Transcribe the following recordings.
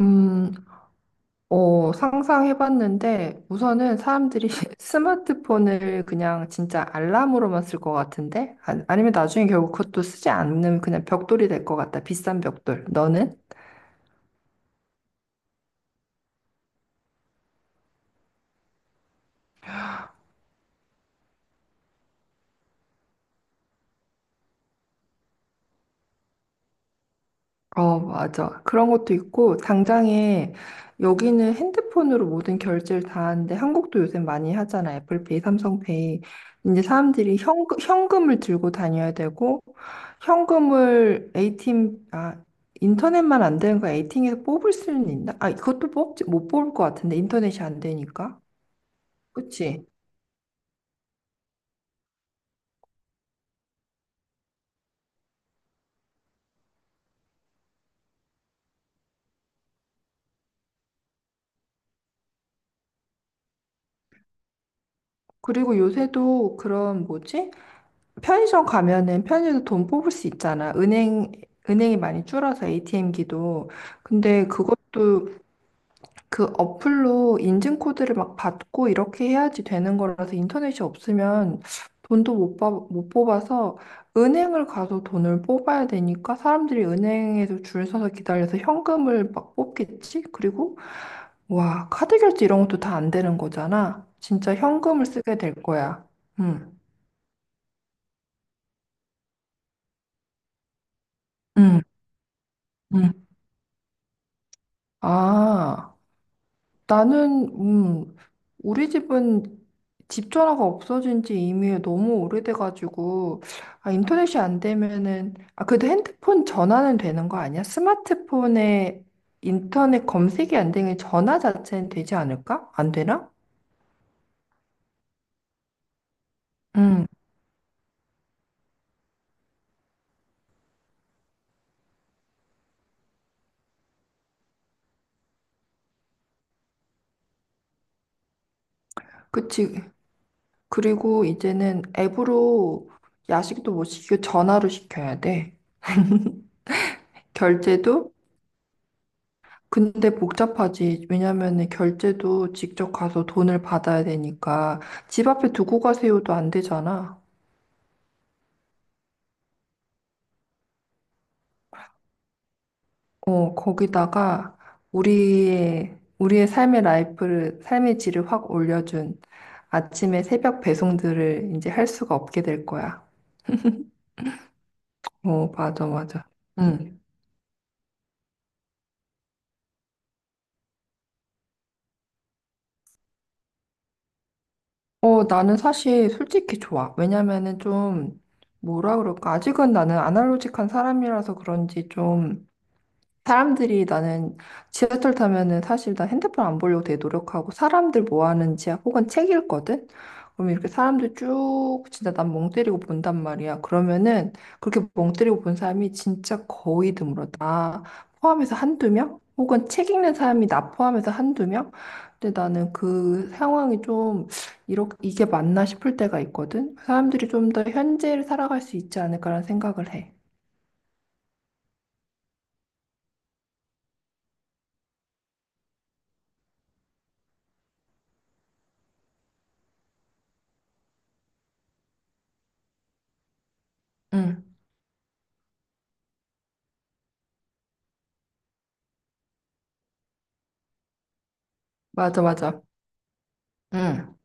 음, 상상해봤는데, 우선은 사람들이 스마트폰을 그냥 진짜 알람으로만 쓸 것 같은데? 아, 아니면 나중에 결국 그것도 쓰지 않는 그냥 벽돌이 될 것 같다. 비싼 벽돌. 너는? 어, 맞아. 그런 것도 있고, 당장에 여기는 핸드폰으로 모든 결제를 다 하는데, 한국도 요새 많이 하잖아. 애플페이, 삼성페이. 이제 사람들이 현금을 들고 다녀야 되고, 현금을 ATM, 아, 인터넷만 안 되는 거 ATM에서 뽑을 수는 있나? 아, 그것도 뽑지, 못 뽑을 것 같은데, 인터넷이 안 되니까. 그치? 그리고 요새도 그런, 뭐지? 편의점 가면은 편의점 돈 뽑을 수 있잖아. 은행이 많이 줄어서 ATM기도. 근데 그것도 그 어플로 인증코드를 막 받고 이렇게 해야지 되는 거라서 인터넷이 없으면 돈도 못, 뽑- 못 뽑아서 은행을 가서 돈을 뽑아야 되니까 사람들이 은행에서 줄 서서 기다려서 현금을 막 뽑겠지? 그리고 와, 카드 결제 이런 것도 다 안 되는 거잖아. 진짜 현금을 쓰게 될 거야. 응, 응, 응. 아. 나는, 음, 우리 집은 집 전화가 없어진 지 이미 너무 오래돼가지고, 아, 인터넷이 안 되면은, 아, 그래도 핸드폰 전화는 되는 거 아니야? 스마트폰에 인터넷 검색이 안 되는 전화 자체는 되지 않을까? 안 되나? 응, 그치. 그리고 이제는 앱으로 야식도 못 시키고 전화로 시켜야 돼. 결제도 근데 복잡하지. 왜냐면은 결제도 직접 가서 돈을 받아야 되니까 집 앞에 두고 가세요도 안 되잖아. 어, 거기다가 우리의 삶의 라이프를 삶의 질을 확 올려준 아침에 새벽 배송들을 이제 할 수가 없게 될 거야. 어, 맞아, 맞아. 응. 어, 나는 사실 솔직히 좋아. 왜냐면은 좀 뭐라 그럴까? 아직은 나는 아날로직한 사람이라서 그런지 좀 사람들이 나는 지하철 타면은 사실 나 핸드폰 안 보려고 되게 노력하고 사람들 뭐 하는지 혹은 책 읽거든? 그럼 이렇게 사람들 쭉 진짜 난 멍 때리고 본단 말이야. 그러면은 그렇게 멍 때리고 본 사람이 진짜 거의 드물어. 나 포함해서 한두 명? 혹은 책 읽는 사람이 나 포함해서 한두 명? 근데 나는 그 상황이 좀 이렇게 이게 맞나 싶을 때가 있거든? 사람들이 좀 더 현재를 살아갈 수 있지 않을까라는 생각을 해. 응, 맞아, 맞아. 응.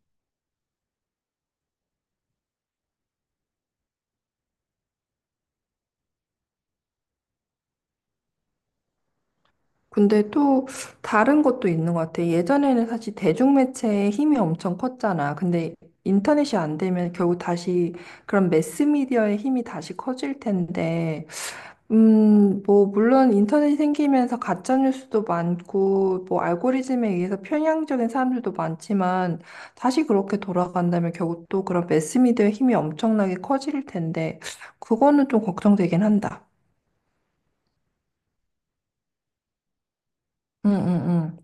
근데 또 다른 것도 있는 것 같아. 예전에는 사실 대중매체의 힘이 엄청 컸잖아. 근데 인터넷이 안 되면 결국 다시 그런 매스미디어의 힘이 다시 커질 텐데, 뭐, 물론 인터넷이 생기면서 가짜뉴스도 많고, 뭐, 알고리즘에 의해서 편향적인 사람들도 많지만, 다시 그렇게 돌아간다면 결국 또 그런 매스미디어의 힘이 엄청나게 커질 텐데, 그거는 좀 걱정되긴 한다. 응, 응, 응.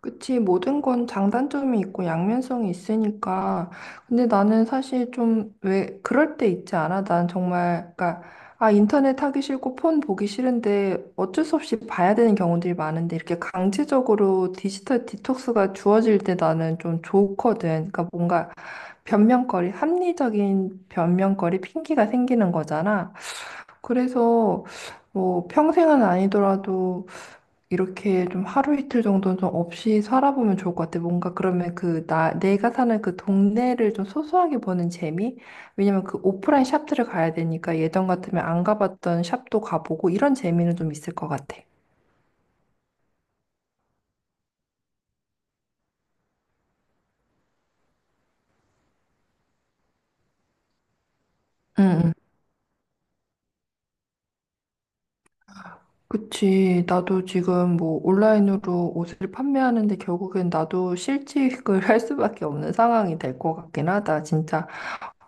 그치, 모든 건 장단점이 있고 양면성이 있으니까. 근데 나는 사실 좀 왜 그럴 때 있지 않아? 난 정말, 그러니까, 아, 인터넷 하기 싫고 폰 보기 싫은데 어쩔 수 없이 봐야 되는 경우들이 많은데 이렇게 강제적으로 디지털 디톡스가 주어질 때 나는 좀 좋거든. 그러니까 뭔가 합리적인 변명거리, 핑계가 생기는 거잖아. 그래서 뭐 평생은 아니더라도 이렇게 좀 하루 이틀 정도는 좀 없이 살아보면 좋을 것 같아. 뭔가 그러면 내가 사는 그 동네를 좀 소소하게 보는 재미? 왜냐면 그 오프라인 샵들을 가야 되니까 예전 같으면 안 가봤던 샵도 가보고 이런 재미는 좀 있을 것 같아. 응, 응. 그치. 나도 지금 뭐 온라인으로 옷을 판매하는데 결국엔 나도 실직을 할 수밖에 없는 상황이 될 것 같긴 하다. 진짜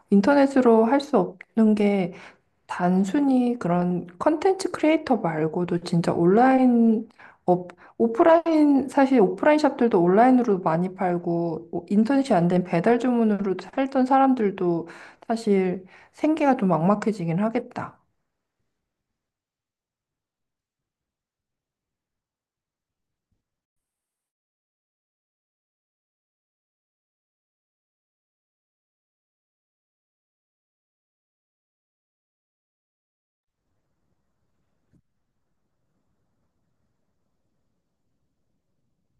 인터넷으로 할 수 없는 게 단순히 그런 컨텐츠 크리에이터 말고도 진짜 업, 오프라인 사실 오프라인 샵들도 온라인으로 많이 팔고 오- 인터넷이 안 된 배달 주문으로 살던 사람들도 사실 생계가 좀 막막해지긴 하겠다.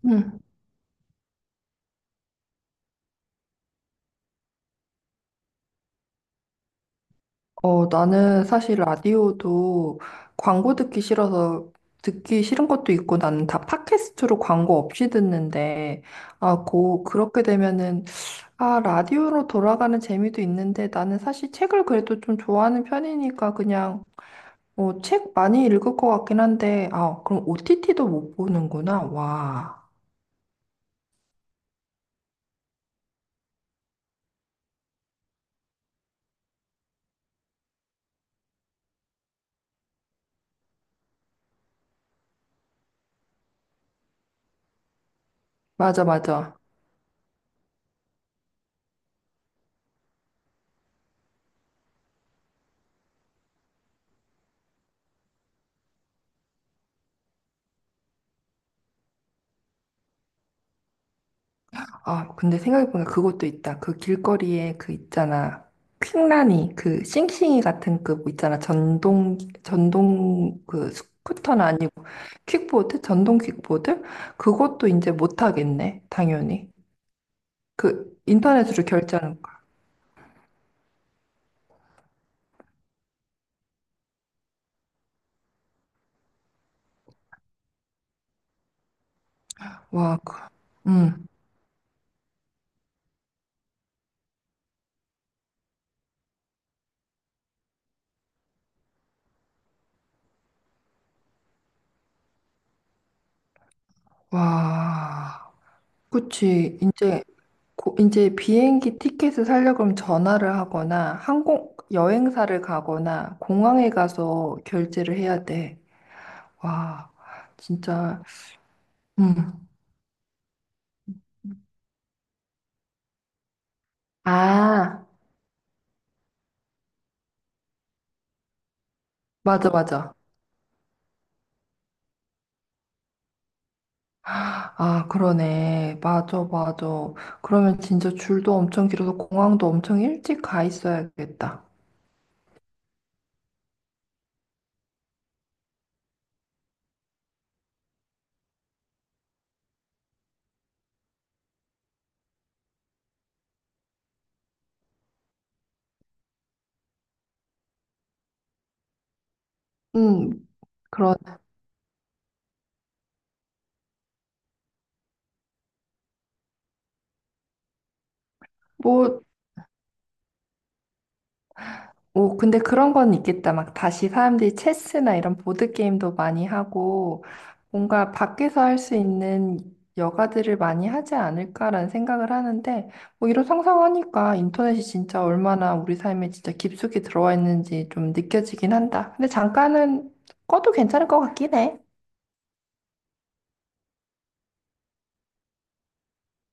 음. 어, 나는 사실 라디오도 광고 듣기 싫은 것도 있고 나는 다 팟캐스트로 광고 없이 듣는데 아, 고 그렇게 되면은 아, 라디오로 돌아가는 재미도 있는데 나는 사실 책을 그래도 좀 좋아하는 편이니까 그냥 어, 책 많이 읽을 것 같긴 한데 아, 그럼 OTT도 못 보는구나. 와. 맞아, 맞아. 아, 근데 생각해보니까 그것도 있다. 그 길거리에 그 있잖아. 퀵라니, 그 싱싱이 같은 그뭐 있잖아. 전동 그 스쿠터는 아니고 퀵보드? 전동 퀵보드? 그것도 이제 못 하겠네. 당연히. 그 인터넷으로 결제하는 와, 그- 응, 와, 그치. 이제 비행기 티켓을 사려고 그러면 전화를 하거나 항공, 여행사를 가거나 공항에 가서 결제를 해야 돼. 와, 진짜, 응. 아, 맞아, 맞아. 아, 그러네. 맞아, 맞아. 그러면 진짜 줄도 엄청 길어서 공항도 엄청 일찍 가 있어야겠다. 응, 그런, 뭐, 오, 근데 그런 건 있겠다. 막 다시 사람들이 체스나 이런 보드게임도 많이 하고, 뭔가 밖에서 할 수 있는 여가들을 많이 하지 않을까라는 생각을 하는데, 뭐 이런 상상하니까 인터넷이 진짜 얼마나 우리 삶에 진짜 깊숙이 들어와 있는지 좀 느껴지긴 한다. 근데 잠깐은 꺼도 괜찮을 것 같긴 해.